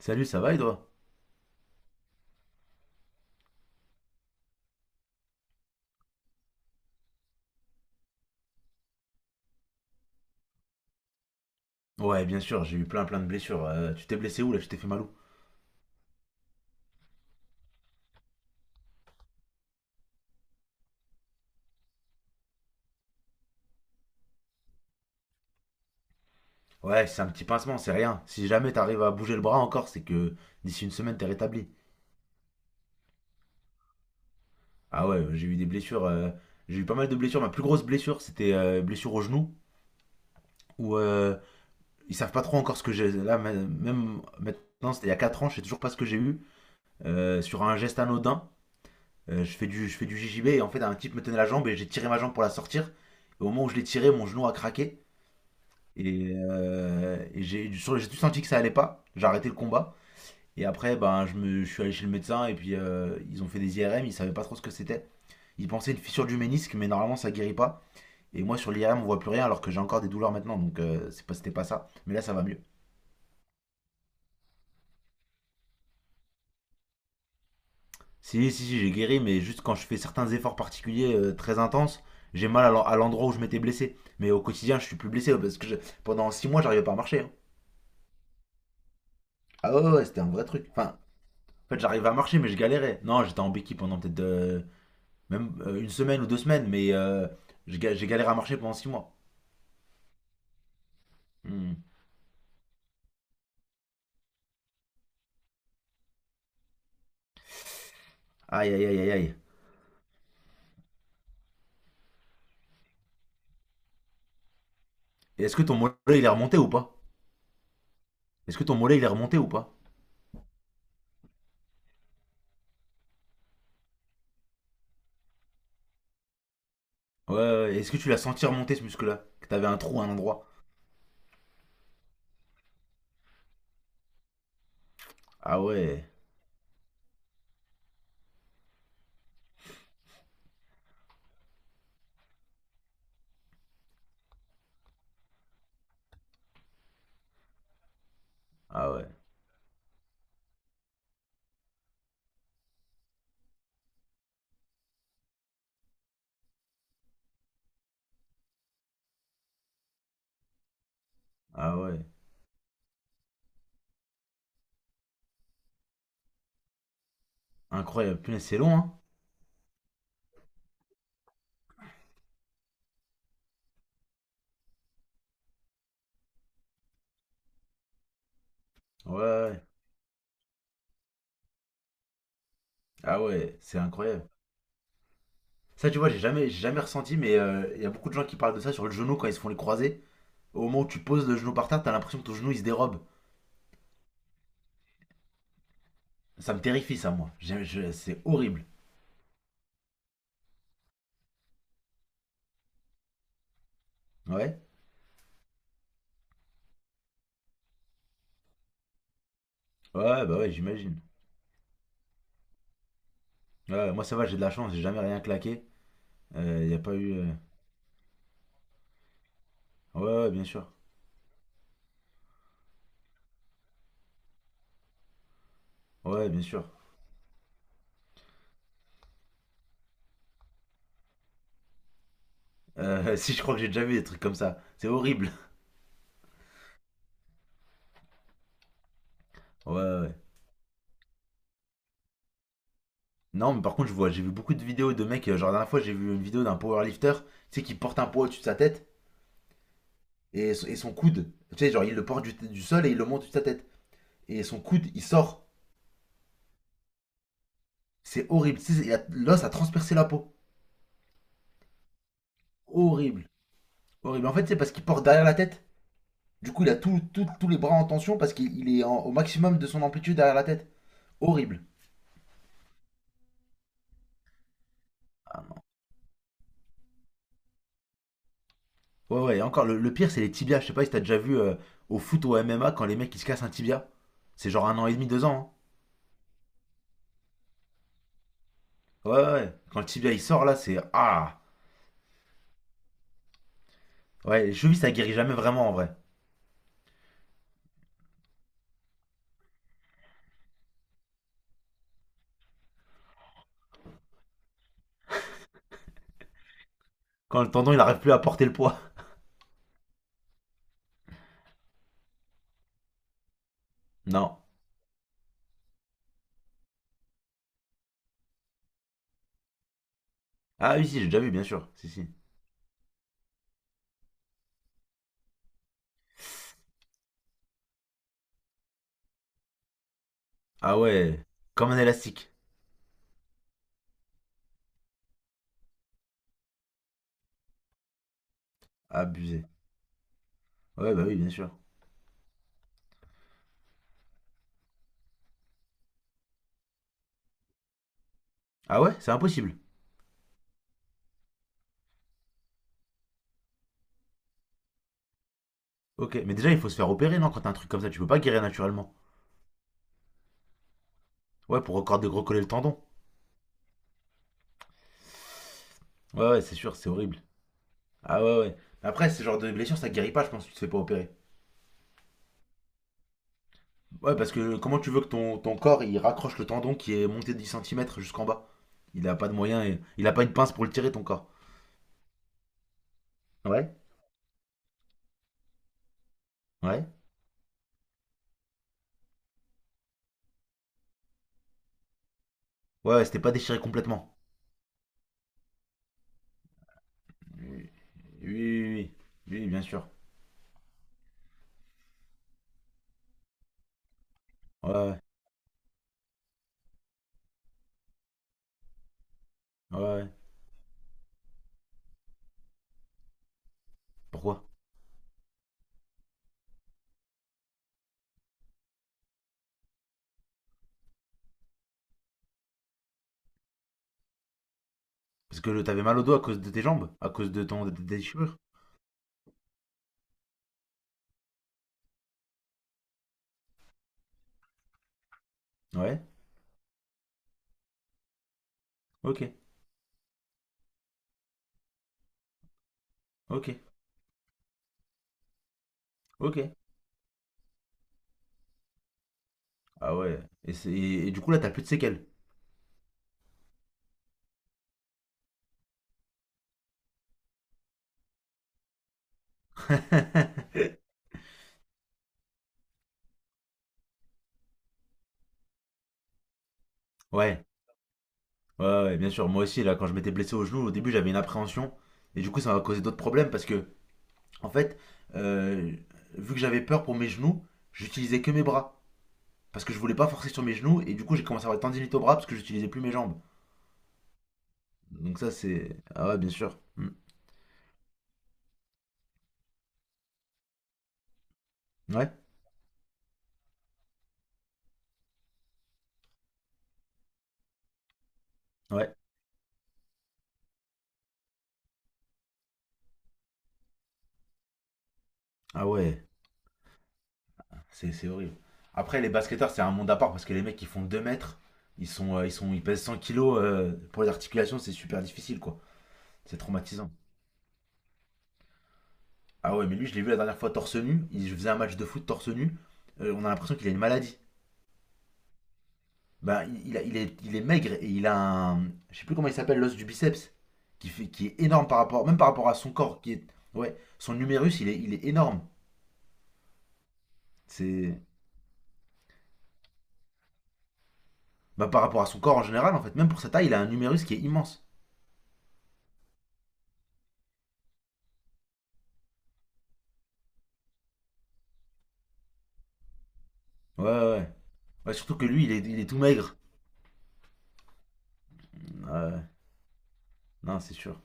Salut, ça va et toi? Ouais, bien sûr, j'ai eu plein de blessures. Tu t'es blessé où là? Je t'ai fait mal où? Ouais, c'est un petit pincement, c'est rien. Si jamais t'arrives à bouger le bras encore, c'est que d'ici une semaine, t'es rétabli. Ah ouais, j'ai eu des blessures. J'ai eu pas mal de blessures. Ma plus grosse blessure, c'était blessure au genou, où ils savent pas trop encore ce que j'ai. Là, même maintenant, c'était il y a 4 ans, je sais toujours pas ce que j'ai eu. Sur un geste anodin, je fais je fais du JJB et en fait, un type me tenait la jambe et j'ai tiré ma jambe pour la sortir. Et au moment où je l'ai tiré, mon genou a craqué. Et j'ai tout senti que ça allait pas. J'ai arrêté le combat. Et après, ben, je suis allé chez le médecin et puis ils ont fait des IRM. Ils savaient pas trop ce que c'était. Ils pensaient une fissure du ménisque, mais normalement ça guérit pas. Et moi sur l'IRM on voit plus rien alors que j'ai encore des douleurs maintenant. Donc c'est pas, c'était pas ça. Mais là ça va mieux. Si, si, si, j'ai guéri, mais juste quand je fais certains efforts particuliers très intenses, j'ai à l'endroit où je m'étais blessé. Mais au quotidien, je suis plus blessé parce que pendant 6 mois, j'arrivais pas à marcher, hein. Ah ouais, ouais, ouais, c'était un vrai truc. Enfin, en fait, j'arrivais à marcher, mais je galérais. Non, j'étais en béquille pendant peut-être même une semaine ou 2 semaines, mais j'ai galéré à marcher pendant 6 mois. Hmm. Aïe, aïe, aïe, aïe, aïe. Et est-ce que ton mollet, il est remonté ou pas? Est-ce que ton mollet, il est remonté ou pas? Ouais, ouais, ouais. Est-ce que tu l'as senti remonter, ce muscle-là? Que t'avais un trou à un endroit? Ah ouais, ah ouais, ah ouais. Incroyable. Punaise, c'est long, hein? Ouais, ouais. Ah ouais, c'est incroyable. Ça, tu vois, j'ai jamais ressenti, mais il y a beaucoup de gens qui parlent de ça sur le genou quand ils se font les croisés. Au moment où tu poses le genou par terre, t'as l'impression que ton genou, il se dérobe. Ça me terrifie, ça, moi. C'est horrible. Ouais. Ouais, bah ouais, j'imagine. Ouais, moi, ça va, j'ai de la chance, j'ai jamais rien claqué. Il n'y a pas eu. Ouais, ouais, bien sûr. Ouais, bien sûr. Si je crois que j'ai déjà vu des trucs comme ça, c'est horrible. Ouais, ouais, ouais. Non, mais par contre, je vois, j'ai vu beaucoup de vidéos de mecs. Genre, la dernière fois, j'ai vu une vidéo d'un powerlifter, tu sais, qui porte un poids au-dessus de sa tête et son coude. Tu sais, genre, il le porte du sol et il le monte au-dessus de sa tête. Et son coude, il sort. C'est horrible. Tu sais, l'os a transpercé la peau. Horrible. Horrible. En fait, c'est parce qu'il porte derrière la tête. Du coup, il a tout- tout- tous les bras en tension parce qu'au maximum de son amplitude derrière la tête. Horrible. Ouais, ouais, et encore, le pire, c'est les tibias. Je sais pas si t'as déjà vu au foot ou au MMA quand les mecs ils se cassent un tibia. C'est genre 1 an et demi, 2 ans, hein. Ouais, ouais, ouais. Quand le tibia il sort là, c'est. Ah. Ouais, les chevilles ça guérit jamais vraiment en vrai. Quand le tendon il arrive plus à porter le poids. Non. Ah oui, si, j'ai déjà vu, bien sûr. Si, si. Ah ouais. Comme un élastique. Abusé. Ouais, bah oui, bien sûr. Ah ouais, c'est impossible. Ok, mais déjà il faut se faire opérer, non? Quand t'as un truc comme ça, tu peux pas guérir naturellement. Ouais, pour encore dégrocoller le tendon. Ouais, ouais, c'est sûr, c'est horrible. Ah ouais, ouais. Après, ce genre de blessure, ça guérit pas, je pense, si tu te fais pas opérer. Ouais, parce que comment tu veux que ton corps, il raccroche le tendon qui est monté de 10 centimètres jusqu'en bas? Il a pas de moyen, il a pas une pince pour le tirer, ton corps. Ouais. Ouais. Ouais, ouais, c'était pas déchiré complètement. Oui, oui, oui. Oui, bien sûr. Ouais, ouais, ouais, ouais. Pourquoi? Parce que t'avais mal au dos à cause de tes jambes? À cause de ton de tes déchirures? Ouais. Ok, ok, ok. Ah ouais. Et, et du coup, là, t'as plus de séquelles. ouais. Ouais, ouais, bien sûr. Moi aussi, là, quand je m'étais blessé au genou, au début, j'avais une appréhension. Et du coup, ça m'a causé d'autres problèmes parce que, en fait, euh, vu que j'avais peur pour mes genoux, j'utilisais que mes bras. Parce que je voulais pas forcer sur mes genoux. Et du coup, j'ai commencé à avoir tendinite au bras parce que j'utilisais plus mes jambes. Donc, ça, c'est. Ah ouais, bien sûr. Hmm. Ouais, ouais. Ah ouais, c'est horrible. Après, les basketteurs, c'est un monde à part parce que les mecs, ils font 2 mètres. Ils pèsent 100 kilos. Pour les articulations, c'est super difficile, quoi. C'est traumatisant. Ah ouais, mais lui, je l'ai vu la dernière fois torse nu. Il faisait un match de foot torse nu. On a l'impression qu'il a une maladie. Bah, il est maigre et il a un. Je sais plus comment il s'appelle, l'os du biceps. Qui, fait, qui est énorme par rapport. Même par rapport à son corps. Qui est, ouais, son numérus, il est énorme. C'est. Bah, par rapport à son corps en général, en fait. Même pour sa taille, il a un numérus qui est immense. Ouais, ouais, ouais. Ouais, surtout que lui, il est tout maigre. Ouais, ouais, non, c'est sûr.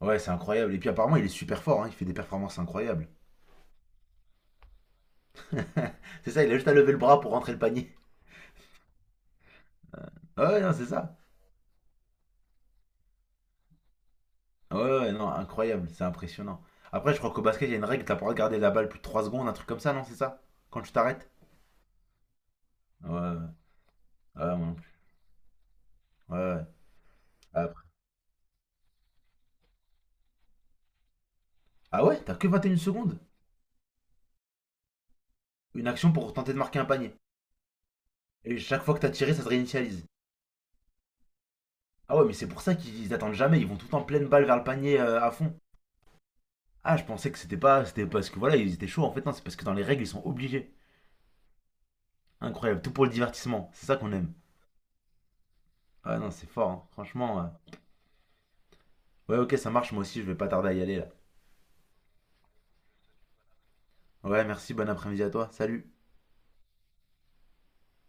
Ouais, c'est incroyable. Et puis apparemment, il est super fort, hein. Il fait des performances incroyables. C'est ça, il a juste à lever le bras pour rentrer le panier. Ouais, ouais, non, c'est ça. Ouais, ouais, ouais, non, incroyable, c'est impressionnant. Après, je crois qu'au basket, il y a une règle, t'as pas le droit de garder la balle plus de 3 secondes, un truc comme ça, non, c'est ça? Quand tu t'arrêtes? Ouais, ouais, ouais, ouais, moi non plus. Ouais, ouais. Après- ah ouais, t'as que 21 secondes? Une action pour tenter de marquer un panier. Et chaque fois que t'as tiré, ça se réinitialise. Ah ouais, mais c'est pour ça qu'ils attendent jamais, ils vont tout le temps pleine balle vers le panier à fond. Ah, je pensais que c'était pas, c'était parce que voilà, ils étaient chauds en fait, non, c'est parce que dans les règles, ils sont obligés. Incroyable, tout pour le divertissement, c'est ça qu'on aime. Ah non, c'est fort, hein. Franchement. Ouais, ok, ça marche, moi aussi, je vais pas tarder à y aller là. Ouais, merci, bon après-midi à toi, salut.